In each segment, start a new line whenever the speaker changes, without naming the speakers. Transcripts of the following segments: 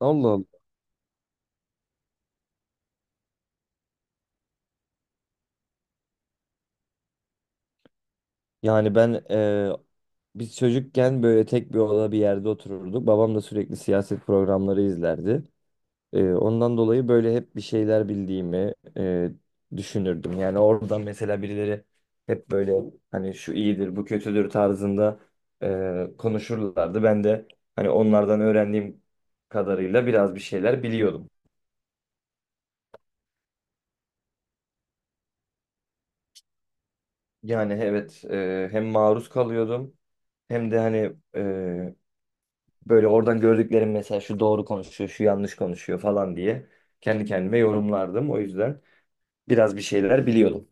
Allah Allah. Yani biz çocukken böyle tek bir oda bir yerde otururduk. Babam da sürekli siyaset programları izlerdi. Ondan dolayı böyle hep bir şeyler bildiğimi düşünürdüm. Yani oradan mesela birileri hep böyle hani şu iyidir, bu kötüdür tarzında konuşurlardı. Ben de hani onlardan öğrendiğim kadarıyla biraz bir şeyler biliyordum. Yani evet, hem maruz kalıyordum hem de hani, böyle oradan gördüklerim mesela şu doğru konuşuyor, şu yanlış konuşuyor falan diye kendi kendime yorumlardım. O yüzden biraz bir şeyler biliyordum.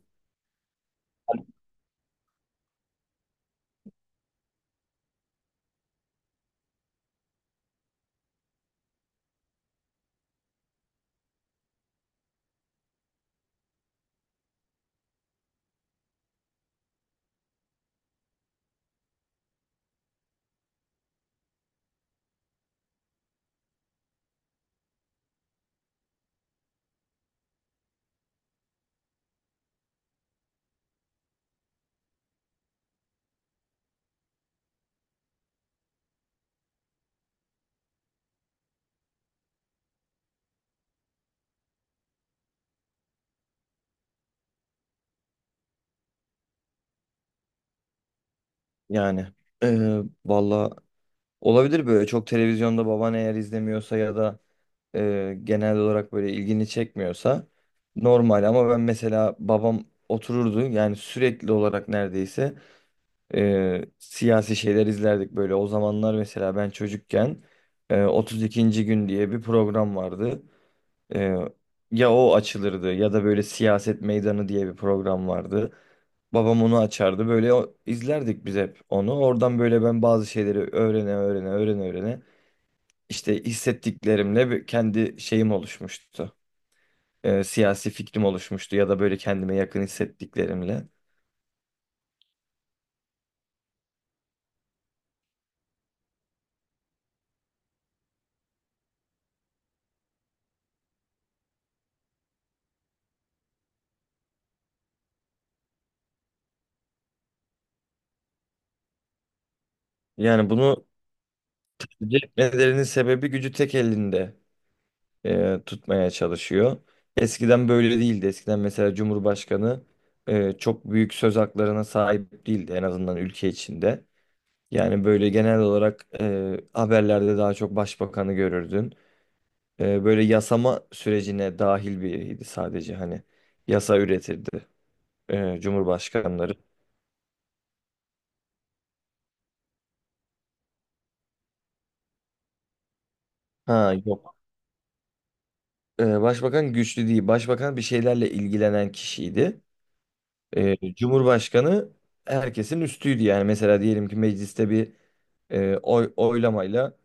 Yani valla olabilir böyle çok televizyonda baban eğer izlemiyorsa ya da genel olarak böyle ilgini çekmiyorsa normal, ama ben mesela babam otururdu yani sürekli olarak neredeyse siyasi şeyler izlerdik böyle o zamanlar mesela ben çocukken, 32. gün diye bir program vardı. Ee, Ya o açılırdı ya da böyle siyaset meydanı diye bir program vardı. Babam onu açardı. Böyle izlerdik biz hep onu. Oradan böyle ben bazı şeyleri öğrene öğrene işte hissettiklerimle kendi şeyim oluşmuştu. Siyasi fikrim oluşmuştu ya da böyle kendime yakın hissettiklerimle. Yani bunu cezbetmelerinin sebebi gücü tek elinde tutmaya çalışıyor. Eskiden böyle değildi. Eskiden mesela Cumhurbaşkanı çok büyük söz haklarına sahip değildi, en azından ülke içinde. Yani böyle genel olarak haberlerde daha çok başbakanı görürdün. Böyle yasama sürecine dahil biriydi, sadece hani yasa üretirdi Cumhurbaşkanları. Ha yok. Başbakan güçlü değil. Başbakan bir şeylerle ilgilenen kişiydi. Cumhurbaşkanı herkesin üstüydü, yani mesela diyelim ki mecliste bir oylamayla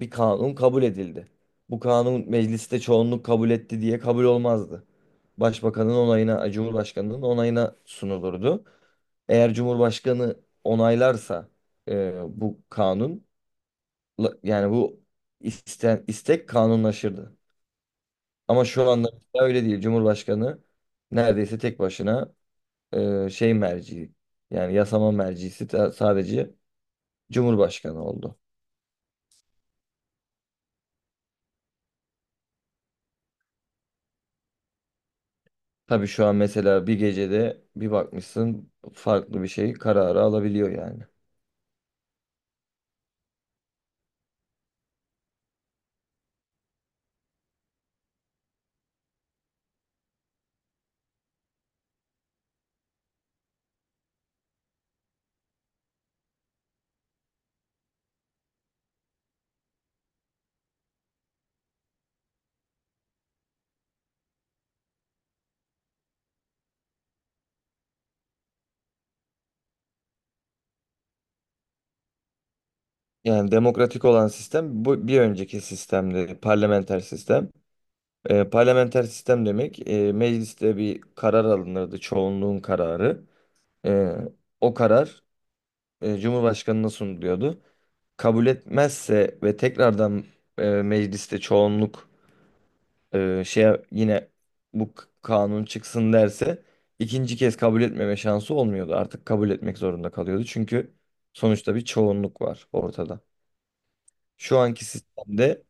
bir kanun kabul edildi. Bu kanun mecliste çoğunluk kabul etti diye kabul olmazdı. Başbakanın onayına, Cumhurbaşkanının onayına sunulurdu. Eğer Cumhurbaşkanı onaylarsa bu yani bu istek kanunlaşırdı. Ama şu anda öyle değil. Cumhurbaşkanı neredeyse tek başına merci, yani yasama mercisi sadece Cumhurbaşkanı oldu. Tabii şu an mesela bir gecede bir bakmışsın farklı bir şey kararı alabiliyor yani. Yani demokratik olan sistem, bu bir önceki sistemde parlamenter sistem. Parlamenter sistem demek, mecliste bir karar alınırdı, çoğunluğun kararı. Ee, O karar Cumhurbaşkanına sunuluyordu. Kabul etmezse ve tekrardan mecliste çoğunluk e, şeye yine bu kanun çıksın derse, ikinci kez kabul etmeme şansı olmuyordu. Artık kabul etmek zorunda kalıyordu. Çünkü sonuçta bir çoğunluk var ortada. Şu anki sistemde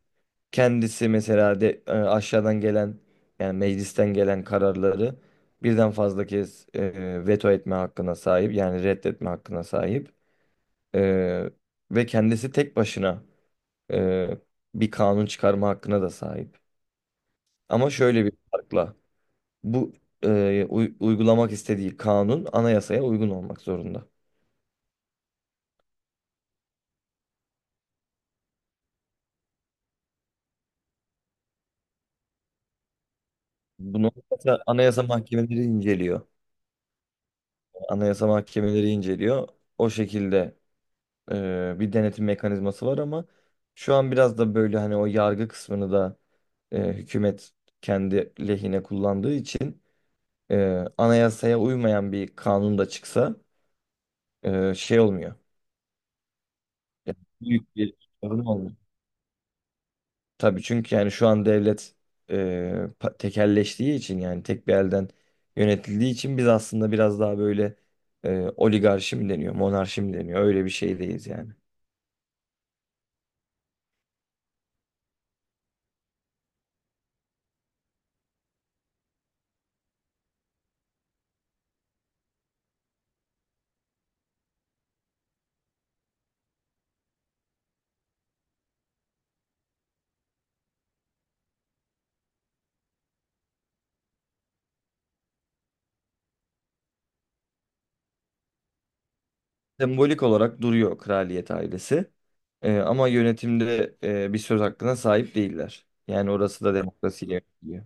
kendisi mesela de aşağıdan gelen, yani meclisten gelen kararları birden fazla kez veto etme hakkına sahip, yani reddetme hakkına sahip. E, Ve kendisi tek başına e, bir kanun çıkarma hakkına da sahip. Ama şöyle bir farkla: bu uygulamak istediği kanun anayasaya uygun olmak zorunda. Bunu anayasa mahkemeleri inceliyor. Anayasa mahkemeleri inceliyor. O şekilde bir denetim mekanizması var, ama şu an biraz da böyle hani o yargı kısmını da hükümet kendi lehine kullandığı için, anayasaya uymayan bir kanun da çıksa, şey olmuyor. Yani büyük bir sorun olmuyor. Tabii çünkü yani şu an devlet e, tekelleştiği için, yani tek bir elden yönetildiği için biz aslında biraz daha böyle, oligarşi mi deniyor, monarşi mi deniyor, öyle bir şeydeyiz yani. Sembolik olarak duruyor kraliyet ailesi. Ama yönetimde bir söz hakkına sahip değiller. Yani orası da demokrasiyle yönetiliyor.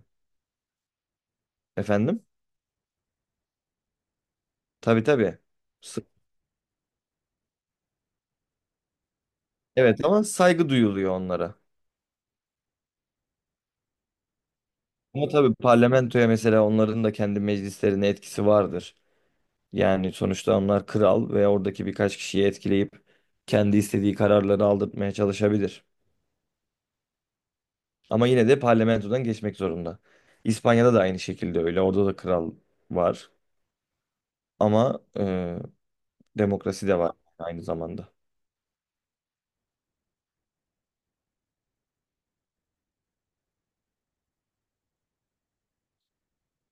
Efendim? Tabii tabii. S- Evet, ama saygı duyuluyor onlara. Ama tabii parlamentoya mesela, onların da kendi meclislerine etkisi vardır. Yani sonuçta onlar kral ve oradaki birkaç kişiyi etkileyip kendi istediği kararları aldırtmaya çalışabilir. Ama yine de parlamentodan geçmek zorunda. İspanya'da da aynı şekilde öyle. Orada da kral var. Ama demokrasi de var aynı zamanda.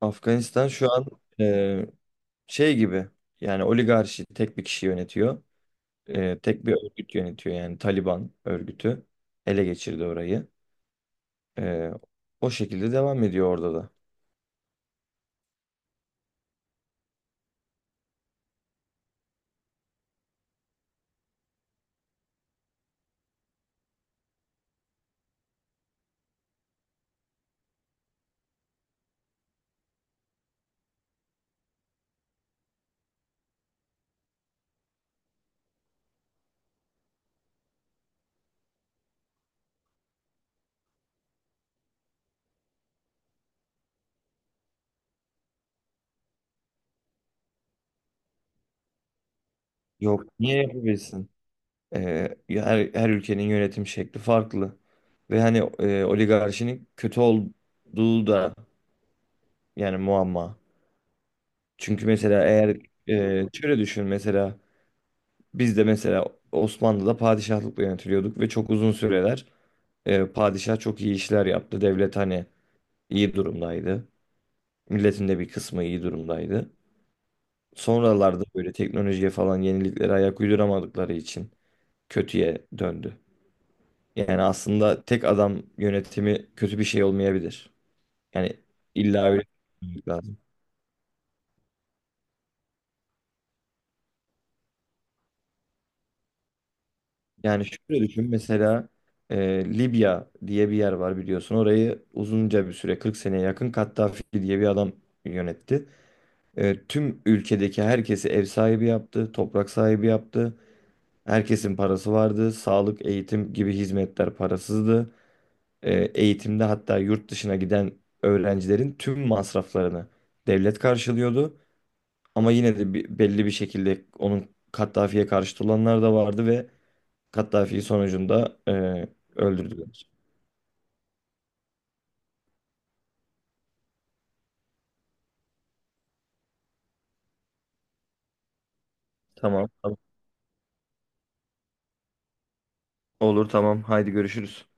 Afganistan şu an e, şey gibi, yani oligarşi, tek bir kişi yönetiyor. Tek bir örgüt yönetiyor, yani Taliban örgütü ele geçirdi orayı. Ee, O şekilde devam ediyor orada da. Yok, niye yapabilsin? Ya her ülkenin yönetim şekli farklı. Ve hani, oligarşinin kötü olduğu da yani muamma. Çünkü mesela şöyle düşün, mesela biz de mesela Osmanlı'da padişahlıkla yönetiliyorduk ve çok uzun süreler, padişah çok iyi işler yaptı. Devlet hani iyi durumdaydı. Milletin de bir kısmı iyi durumdaydı. Sonralarda böyle teknolojiye falan yeniliklere ayak uyduramadıkları için kötüye döndü. Yani aslında tek adam yönetimi kötü bir şey olmayabilir. Yani illa öyle düşünmek lazım. Yani şöyle düşün, mesela Libya diye bir yer var, biliyorsun. Orayı uzunca bir süre 40 seneye yakın Kaddafi diye bir adam yönetti. Tüm ülkedeki herkesi ev sahibi yaptı, toprak sahibi yaptı. Herkesin parası vardı. Sağlık, eğitim gibi hizmetler parasızdı. Eğitimde hatta yurt dışına giden öğrencilerin tüm masraflarını devlet karşılıyordu. Ama yine de belli bir şekilde onun, Kaddafi'ye karşıt olanlar da vardı ve Kaddafi'yi sonucunda öldürdüler. Tamam, tamam. Olur, tamam. Haydi görüşürüz.